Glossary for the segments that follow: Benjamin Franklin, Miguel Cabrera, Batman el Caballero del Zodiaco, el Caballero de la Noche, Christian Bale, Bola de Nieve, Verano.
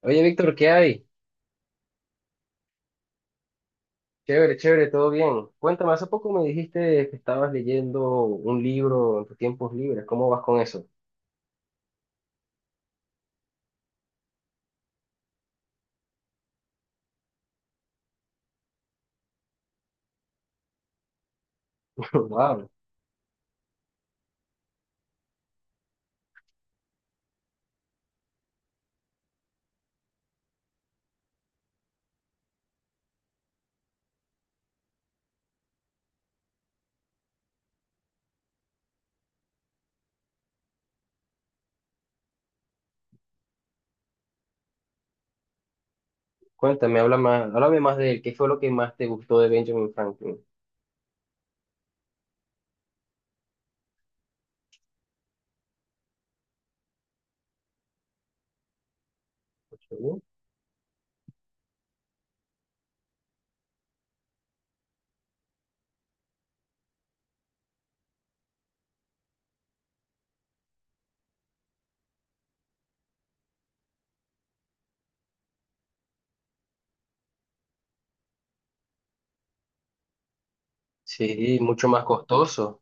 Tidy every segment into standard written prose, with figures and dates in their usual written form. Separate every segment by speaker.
Speaker 1: Oye, Víctor, ¿qué hay? Chévere, chévere, todo bien. Cuéntame, hace poco me dijiste que estabas leyendo un libro en tus tiempos libres. ¿Cómo vas con eso? Wow. Cuéntame, habla más, háblame más de él. ¿Qué fue lo que más te gustó de Benjamin Franklin? Sí, mucho más costoso.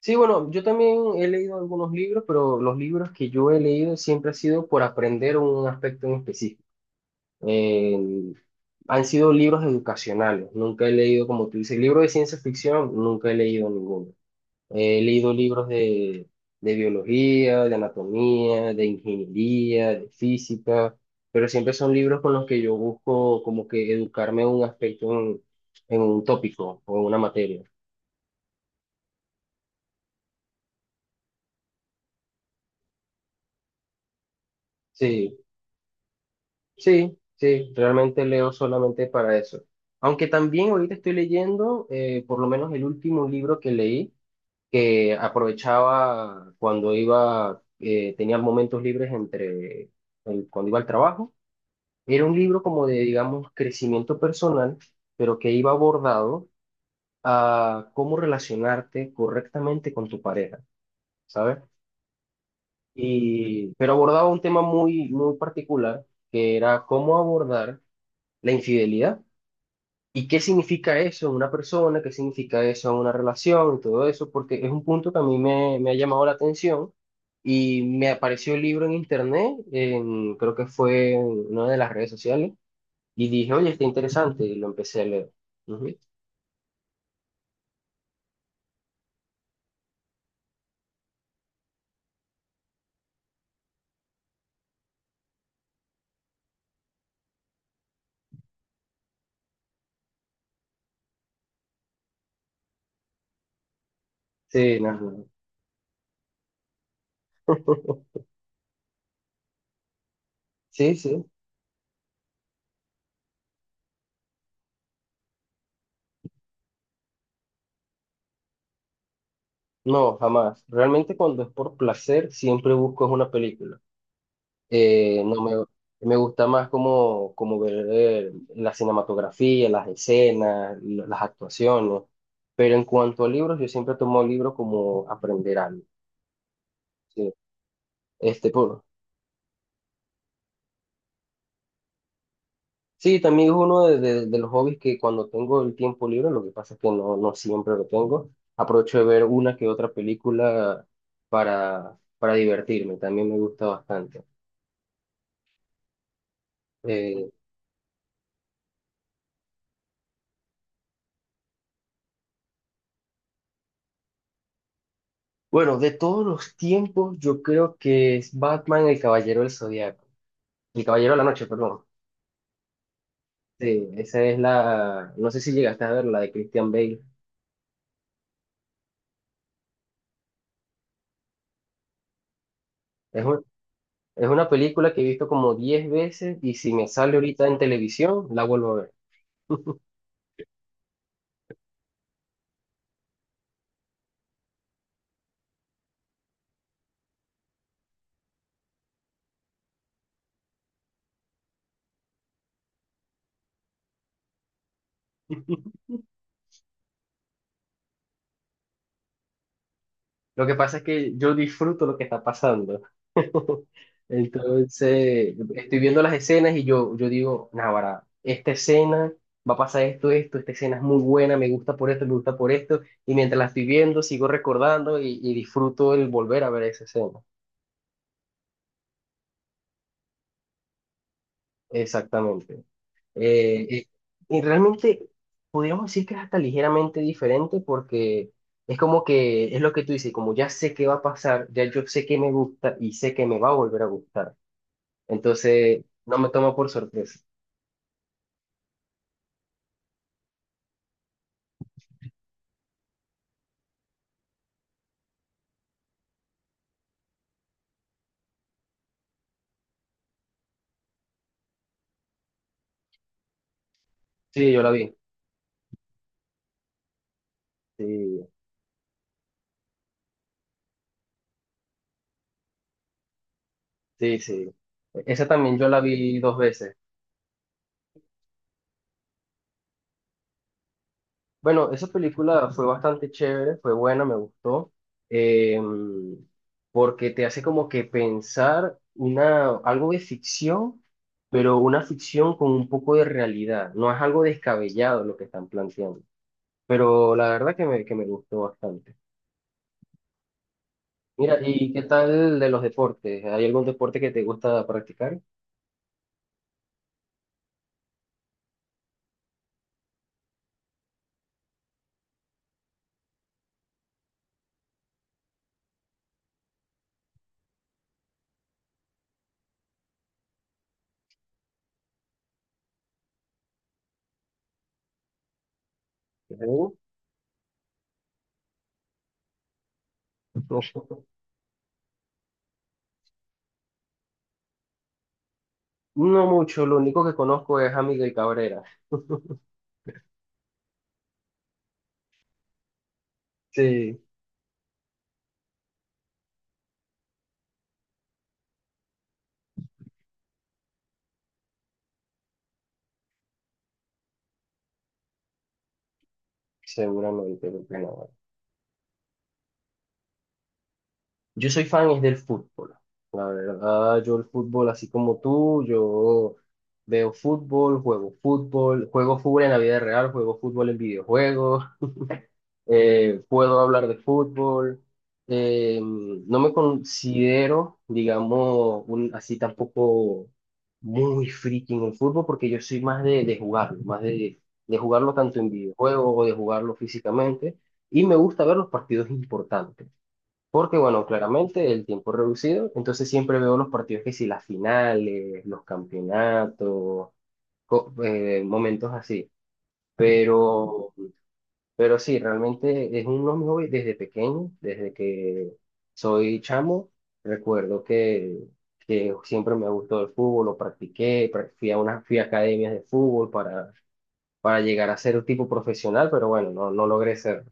Speaker 1: Sí, bueno, yo también he leído algunos libros, pero los libros que yo he leído siempre ha sido por aprender un aspecto en específico. Eh, han sido libros educacionales. Nunca he leído, como tú dices, libro de ciencia ficción, nunca he leído ninguno. He leído libros de biología, de anatomía, de ingeniería, de física, pero siempre son libros con los que yo busco como que educarme en un aspecto, en un tópico o en una materia. Sí, sí, sí, realmente leo solamente para eso. Aunque también ahorita estoy leyendo, por lo menos el último libro que leí, que aprovechaba cuando iba, tenía momentos libres entre, cuando iba al trabajo. Era un libro como de, digamos, crecimiento personal, pero que iba abordado a cómo relacionarte correctamente con tu pareja, ¿sabes? Y, pero abordaba un tema muy, muy particular, que era cómo abordar la infidelidad y qué significa eso en una persona, qué significa eso en una relación y todo eso, porque es un punto que a mí me ha llamado la atención. Y me apareció el libro en internet, creo que fue en una de las redes sociales. Y dije, oye, está interesante, y lo empecé a leer. Ujú. Sí, no, no. Sí, sí. No, jamás. Realmente cuando es por placer, siempre busco es una película. No me, me gusta más como, como ver la cinematografía, las escenas, las actuaciones. Pero en cuanto a libros, yo siempre tomo libros como aprender algo. Sí. Este, por, Sí, también es uno de los hobbies que cuando tengo el tiempo libre, lo que pasa es que no, no siempre lo tengo, aprovecho de ver una que otra película para divertirme, también me gusta bastante. Eh, bueno, de todos los tiempos, yo creo que es Batman el Caballero del Zodiaco, el Caballero de la Noche, perdón. Sí, esa es la, no sé si llegaste a ver la de Christian Bale. Es un- es una película que he visto como 10 veces y si me sale ahorita en televisión, la vuelvo a ver. Lo que pasa es que yo disfruto lo que está pasando. Entonces, estoy viendo las escenas y yo digo, Náguara, esta escena va a pasar esto, esto, esta escena es muy buena, me gusta por esto, me gusta por esto, y mientras la estoy viendo, sigo recordando y disfruto el volver a ver esa escena. Exactamente. Eh, eh, y realmente podríamos decir que es hasta ligeramente diferente porque es como que es lo que tú dices, como ya sé qué va a pasar, ya yo sé que me gusta y sé que me va a volver a gustar. Entonces, no me tomó por sorpresa. Sí, yo la vi. Sí, sí, sí. Esa también yo la vi 2 veces. Bueno, esa película fue bastante chévere, fue buena, me gustó, eh, porque te hace como que pensar una, algo de ficción, pero una ficción con un poco de realidad. No es algo descabellado lo que están planteando, pero la verdad que que me gustó bastante. Mira, ¿y qué tal de los deportes? ¿Hay algún deporte que te gusta practicar? ¿Algo? No mucho, lo único que conozco es a Miguel Cabrera. Sí. Seguramente, porque no. Yo soy fan es del fútbol. La verdad, yo el fútbol, así como tú, yo veo fútbol, juego fútbol, juego fútbol en la vida real, juego fútbol en videojuegos. Puedo hablar de fútbol, no me considero, digamos, un, así tampoco muy friki en el fútbol porque yo soy más de jugarlo, más de jugarlo tanto en videojuegos o de jugarlo físicamente y me gusta ver los partidos importantes. Porque, bueno, claramente el tiempo es reducido, entonces siempre veo los partidos que si las finales, los campeonatos, momentos así. Mm. Pero pero sí, realmente es uno de mis hobbies desde pequeño, desde que soy chamo. Recuerdo que siempre me gustó el fútbol, lo practiqué, fui a unas, fui a academias de fútbol para llegar a ser un tipo profesional, pero bueno, no, no logré ser.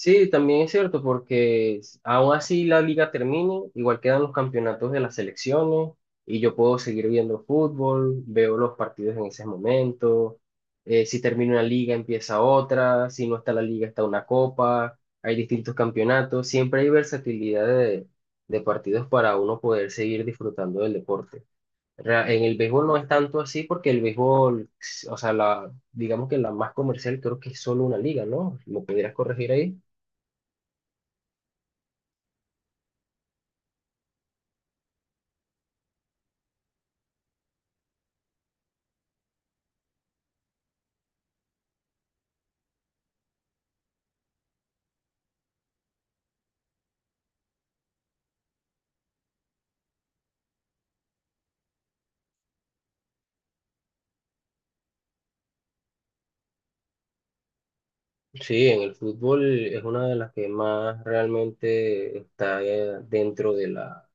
Speaker 1: Sí, también es cierto, porque aún así la liga termine, igual quedan los campeonatos de las selecciones y yo puedo seguir viendo fútbol, veo los partidos en ese momento. Si termina una liga, empieza otra. Si no está la liga, está una copa. Hay distintos campeonatos. Siempre hay versatilidad de partidos para uno poder seguir disfrutando del deporte. En el béisbol no es tanto así porque el béisbol, o sea, la, digamos que la más comercial creo que es solo una liga, ¿no? ¿Lo pudieras corregir ahí? Sí, en el fútbol es una de las que más realmente está dentro de la,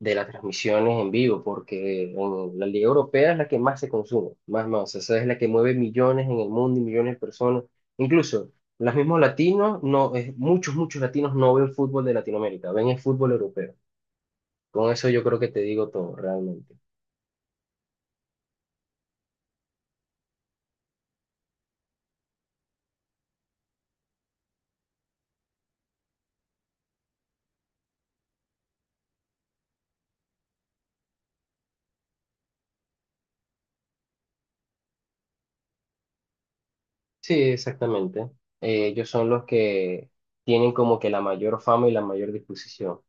Speaker 1: de las transmisiones en vivo, porque en la Liga Europea es la que más se consume, más, más, esa es la que mueve millones en el mundo y millones de personas, incluso los mismos latinos, no, muchos, muchos latinos no ven fútbol de Latinoamérica, ven el fútbol europeo. Con eso yo creo que te digo todo, realmente. Sí, exactamente. Ellos son los que tienen como que la mayor fama y la mayor disposición.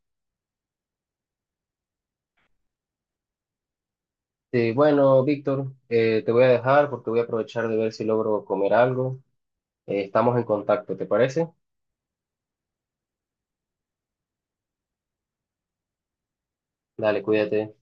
Speaker 1: Bueno, Víctor, te voy a dejar porque voy a aprovechar de ver si logro comer algo. Estamos en contacto, ¿te parece? Dale, cuídate.